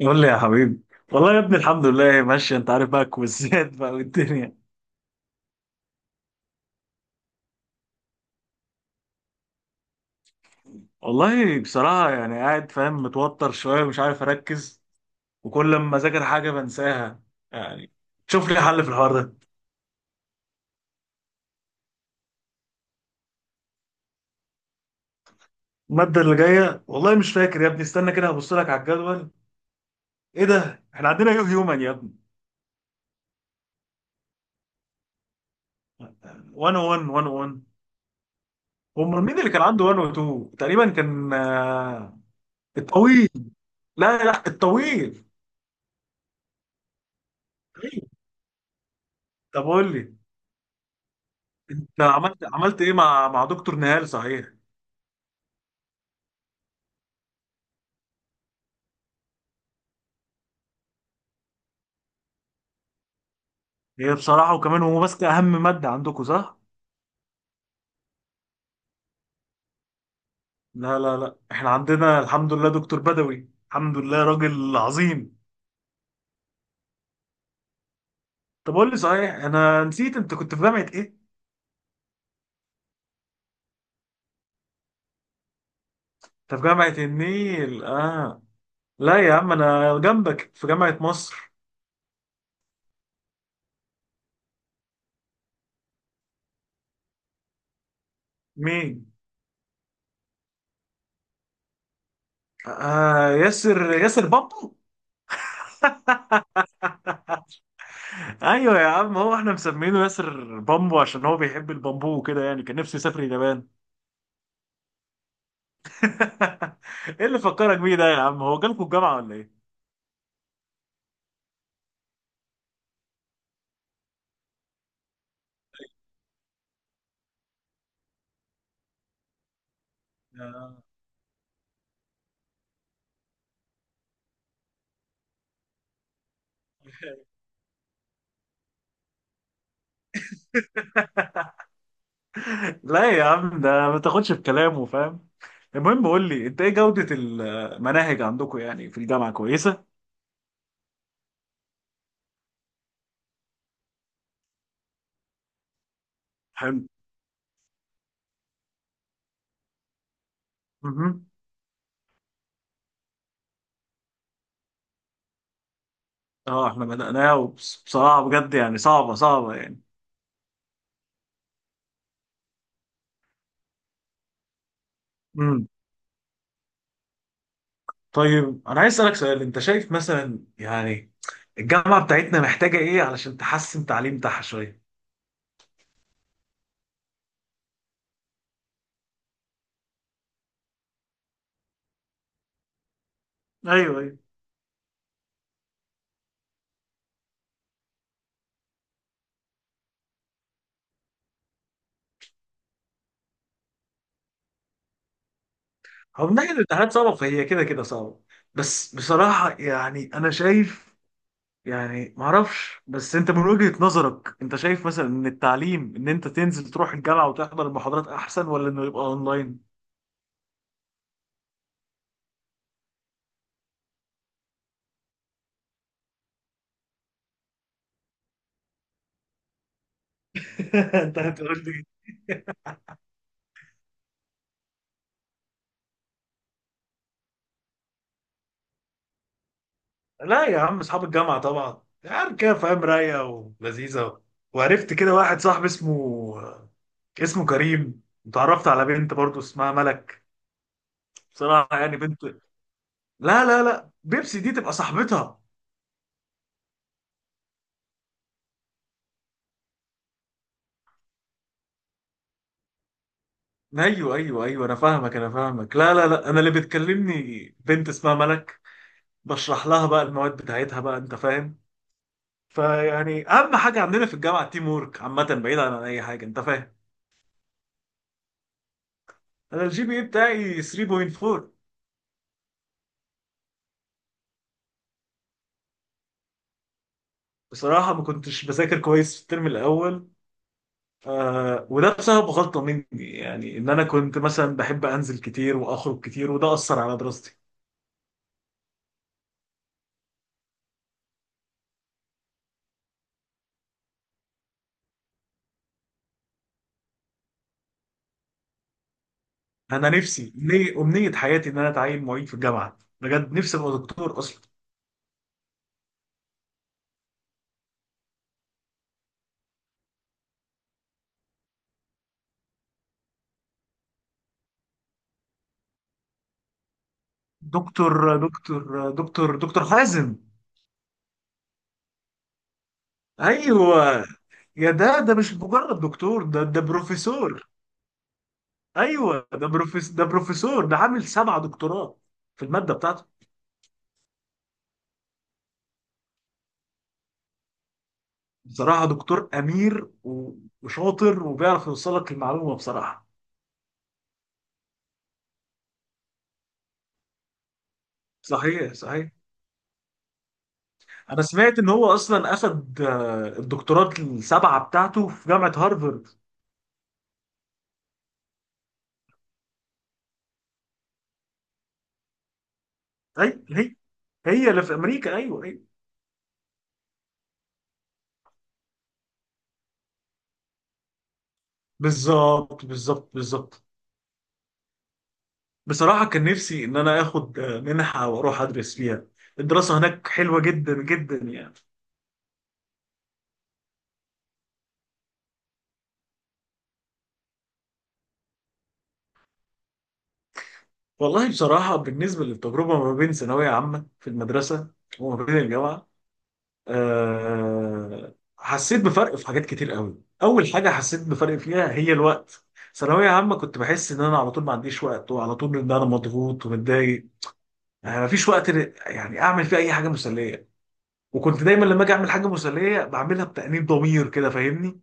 قول لي يا حبيبي. والله يا ابني الحمد لله ماشي، انت عارف بقى الكويزات بقى والدنيا. والله بصراحة يعني قاعد فاهم متوتر شوية ومش عارف أركز، وكل لما أذاكر حاجة بنساها يعني. شوف لي حل في الحوار ده. المادة اللي جاية والله مش فاكر يا ابني، استنى كده هبص لك على الجدول. إيه ده، احنا عندنا يو هيومن يا ابني. 101 101. امال مين اللي كان عنده 102 تقريبا، كان الطويل. لا لا الطويل. طب قول لي، انت عملت ايه مع دكتور نهال صحيح؟ هي بصراحة، وكمان هو ماسك أهم مادة عندكم صح؟ لا لا لا، احنا عندنا الحمد لله دكتور بدوي، الحمد لله راجل عظيم. طب قول لي صحيح، أنا نسيت، أنت كنت في جامعة إيه؟ أنت في جامعة النيل آه. لا يا عم، أنا جنبك في جامعة مصر. مين؟ آه ياسر، ياسر بامبو؟ أيوه يا عم، هو احنا مسمينه ياسر بامبو عشان هو بيحب البامبو وكده يعني، كان نفسه يسافر اليابان. إيه اللي فكرك بيه ده يا عم، هو جالكوا الجامعة ولا إيه؟ آه. لا يا عم، ده ما تاخدش في كلامه فاهم. المهم قول لي، انت ايه جودة المناهج عندكم يعني في الجامعة كويسة؟ حلو. مهم. اه احنا بدأناها بصراحة بجد يعني صعبة صعبة يعني. امم. طيب انا عايز اسألك سؤال، انت شايف مثلا يعني الجامعة بتاعتنا محتاجة ايه علشان تحسن تعليم بتاعها شوية؟ ايوه ايوه. هو من ناحية الامتحانات صعبة، فهي كده كده صعبة. بس بصراحة يعني انا شايف، يعني معرفش، بس انت من وجهة نظرك انت شايف مثلا ان التعليم، ان انت تنزل تروح الجامعة وتحضر المحاضرات احسن، ولا انه يبقى اونلاين؟ انت هتقول لي. لا يا عم، اصحاب الجامعة طبعا يعني كده فاهم، رايقة ولذيذة. وعرفت كده واحد صاحبي اسمه كريم، وتعرفت على بنت برضو اسمها ملك. بصراحة يعني بنت، لا لا لا، بيبسي دي تبقى صاحبتها. ايوه ايوه ايوه، انا فاهمك. لا لا لا، انا اللي بتكلمني بنت اسمها ملك، بشرح لها بقى المواد بتاعتها بقى انت فاهم. فيعني اهم حاجه عندنا في الجامعه التيم وورك عامه، بعيدا عن اي حاجه انت فاهم. انا الجي بي اي بتاعي 3.4. بصراحه ما كنتش بذاكر كويس في الترم الاول، آه وده بسبب غلطه مني يعني، ان انا كنت مثلا بحب انزل كتير واخرج كتير، وده اثر على دراستي. انا نفسي امنيه حياتي ان انا اتعين معيد في الجامعه، بجد نفسي ابقى دكتور اصلا. دكتور حازم. ايوه. يا ده مش مجرد دكتور، ده بروفيسور. ايوه، ده بروفيسور، ده عامل سبع دكتوراه في الماده بتاعته. بصراحه دكتور امير وشاطر، وبيعرف يوصل لك المعلومه بصراحه. صحيح صحيح. انا سمعت ان هو اصلا اخد الدكتورات السبعه بتاعته في جامعه هارفارد. اي هي، هي اللي في امريكا، ايوه ايوه. بالظبط بالظبط بالظبط. بصراحه كان نفسي ان انا اخد منحه واروح ادرس فيها، الدراسه هناك حلوه جدا جدا يعني. والله بصراحة، بالنسبة للتجربة ما بين ثانوية عامة في المدرسة وما بين الجامعة، أه حسيت بفرق في حاجات كتير قوي، أول حاجة حسيت بفرق فيها هي الوقت. ثانوية عامة كنت بحس إن أنا على طول ما عنديش وقت، وعلى طول إن أنا مضغوط ومتضايق، أه مفيش وقت يعني أعمل فيه أي حاجة مسلية، وكنت دايما لما أجي أعمل حاجة مسلية بعملها بتأنيب ضمير كده فاهمني.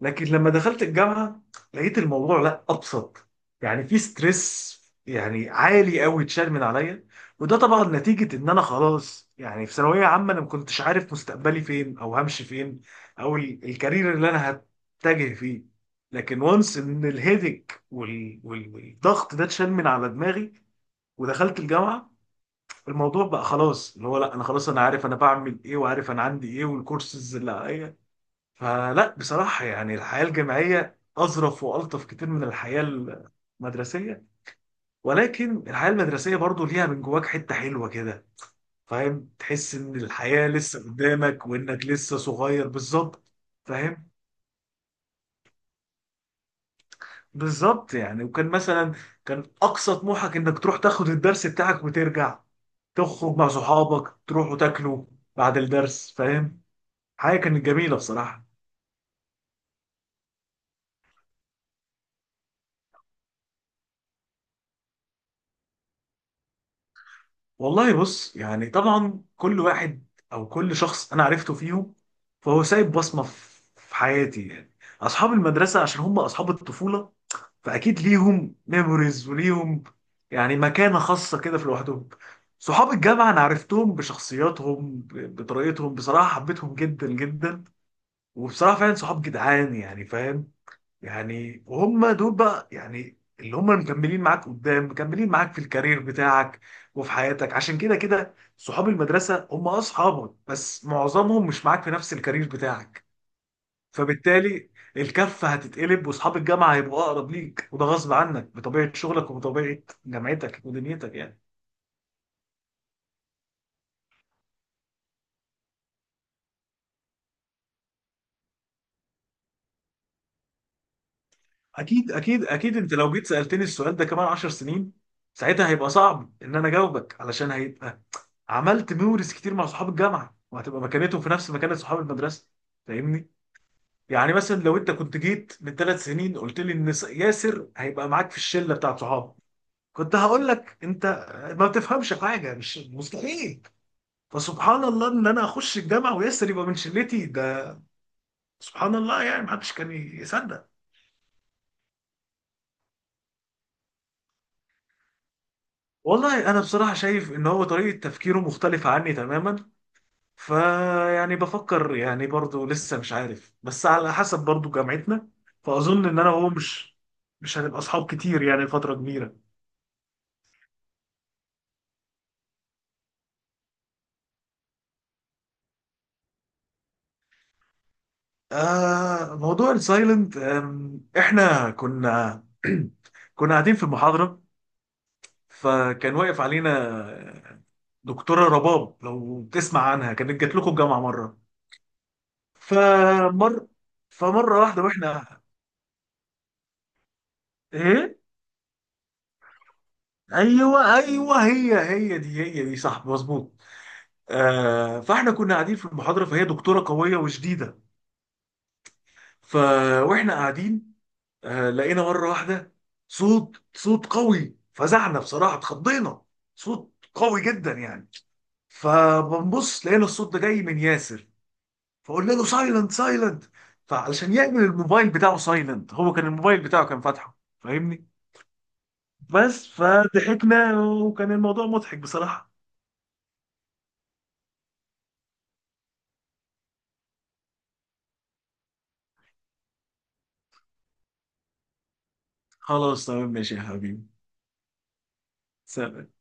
لكن لما دخلت الجامعه لقيت الموضوع لا، ابسط، يعني في ستريس يعني عالي قوي اتشال من عليا. وده طبعا نتيجه ان انا خلاص، يعني في ثانويه عامه انا ما كنتش عارف مستقبلي فين، او همشي فين، او الكارير اللي انا هتجه فيه. لكن وانس ان الهيدك والضغط ده اتشال من على دماغي، ودخلت الجامعه الموضوع بقى خلاص، اللي هو لا، انا خلاص انا عارف انا بعمل ايه، وعارف انا عندي ايه والكورسز اللي عليا. فلا بصراحة يعني الحياة الجامعية أظرف وألطف كتير من الحياة المدرسية، ولكن الحياة المدرسية برضو ليها من جواك حتة حلوة كده، فاهم، تحس إن الحياة لسه قدامك وإنك لسه صغير بالظبط. فاهم بالظبط يعني، وكان مثلا كان أقصى طموحك إنك تروح تاخد الدرس بتاعك وترجع، تخرج مع صحابك تروحوا تاكلوا بعد الدرس فاهم، حاجة كانت جميلة بصراحة. والله بص يعني طبعا كل واحد، او كل شخص انا عرفته فيهم فهو سايب بصمه في حياتي يعني. اصحاب المدرسه عشان هم اصحاب الطفوله، فاكيد ليهم ميموريز وليهم يعني مكانه خاصه كده في لوحدهم. صحاب الجامعه انا عرفتهم بشخصياتهم بطريقتهم، بصراحه حبيتهم جدا جدا، وبصراحه فعلا صحاب جدعان يعني فاهم. يعني وهم دول بقى يعني اللي هم مكملين معاك قدام، مكملين معاك في الكارير بتاعك وفي حياتك، عشان كده كده صحاب المدرسة هم أصحابك بس معظمهم مش معاك في نفس الكارير بتاعك. فبالتالي الكفة هتتقلب، وأصحاب الجامعة هيبقوا أقرب ليك، وده غصب عنك بطبيعة شغلك وبطبيعة جامعتك ودنيتك يعني. اكيد اكيد اكيد، انت لو جيت سالتني السؤال ده كمان 10 سنين، ساعتها هيبقى صعب ان انا اجاوبك، علشان هيبقى عملت ميموريز كتير مع صحاب الجامعه، وهتبقى مكانتهم في نفس مكانه صحاب المدرسه فاهمني. يعني مثلا لو انت كنت جيت من ثلاث سنين قلت لي ان ياسر هيبقى معاك في الشله بتاعت صحابه، كنت هقول لك انت ما بتفهمش حاجه، مش مستحيل. فسبحان الله ان انا اخش الجامعه وياسر يبقى من شلتي ده، سبحان الله يعني ما حدش كان يصدق. والله انا بصراحه شايف ان هو طريقه تفكيره مختلفه عني تماما، فيعني بفكر يعني برضو لسه مش عارف، بس على حسب برضو جامعتنا، فاظن ان انا وهو مش هنبقى اصحاب كتير يعني فتره كبيره. آه موضوع السايلنت. احنا كنا كنا قاعدين في المحاضره، فكان واقف علينا دكتوره رباب، لو تسمع عنها كانت جات لكم الجامعه مره. فمر فمره واحده واحنا. ايه. ايوه ايوه، هي هي دي، هي دي صح مظبوط. آه فاحنا كنا قاعدين في المحاضره، فهي دكتوره قويه وشديده. ف واحنا قاعدين، آه لقينا مره واحده صوت قوي، فزعنا بصراحه اتخضينا، صوت قوي جدا يعني. فبنبص لقينا الصوت ده جاي من ياسر، فقلنا له سايلنت سايلنت، فعلشان يعمل الموبايل بتاعه سايلنت، هو كان الموبايل بتاعه كان فاتحه فاهمني. بس فضحكنا وكان الموضوع مضحك بصراحه. خلاص تمام ماشي يا حبيبي. سلام.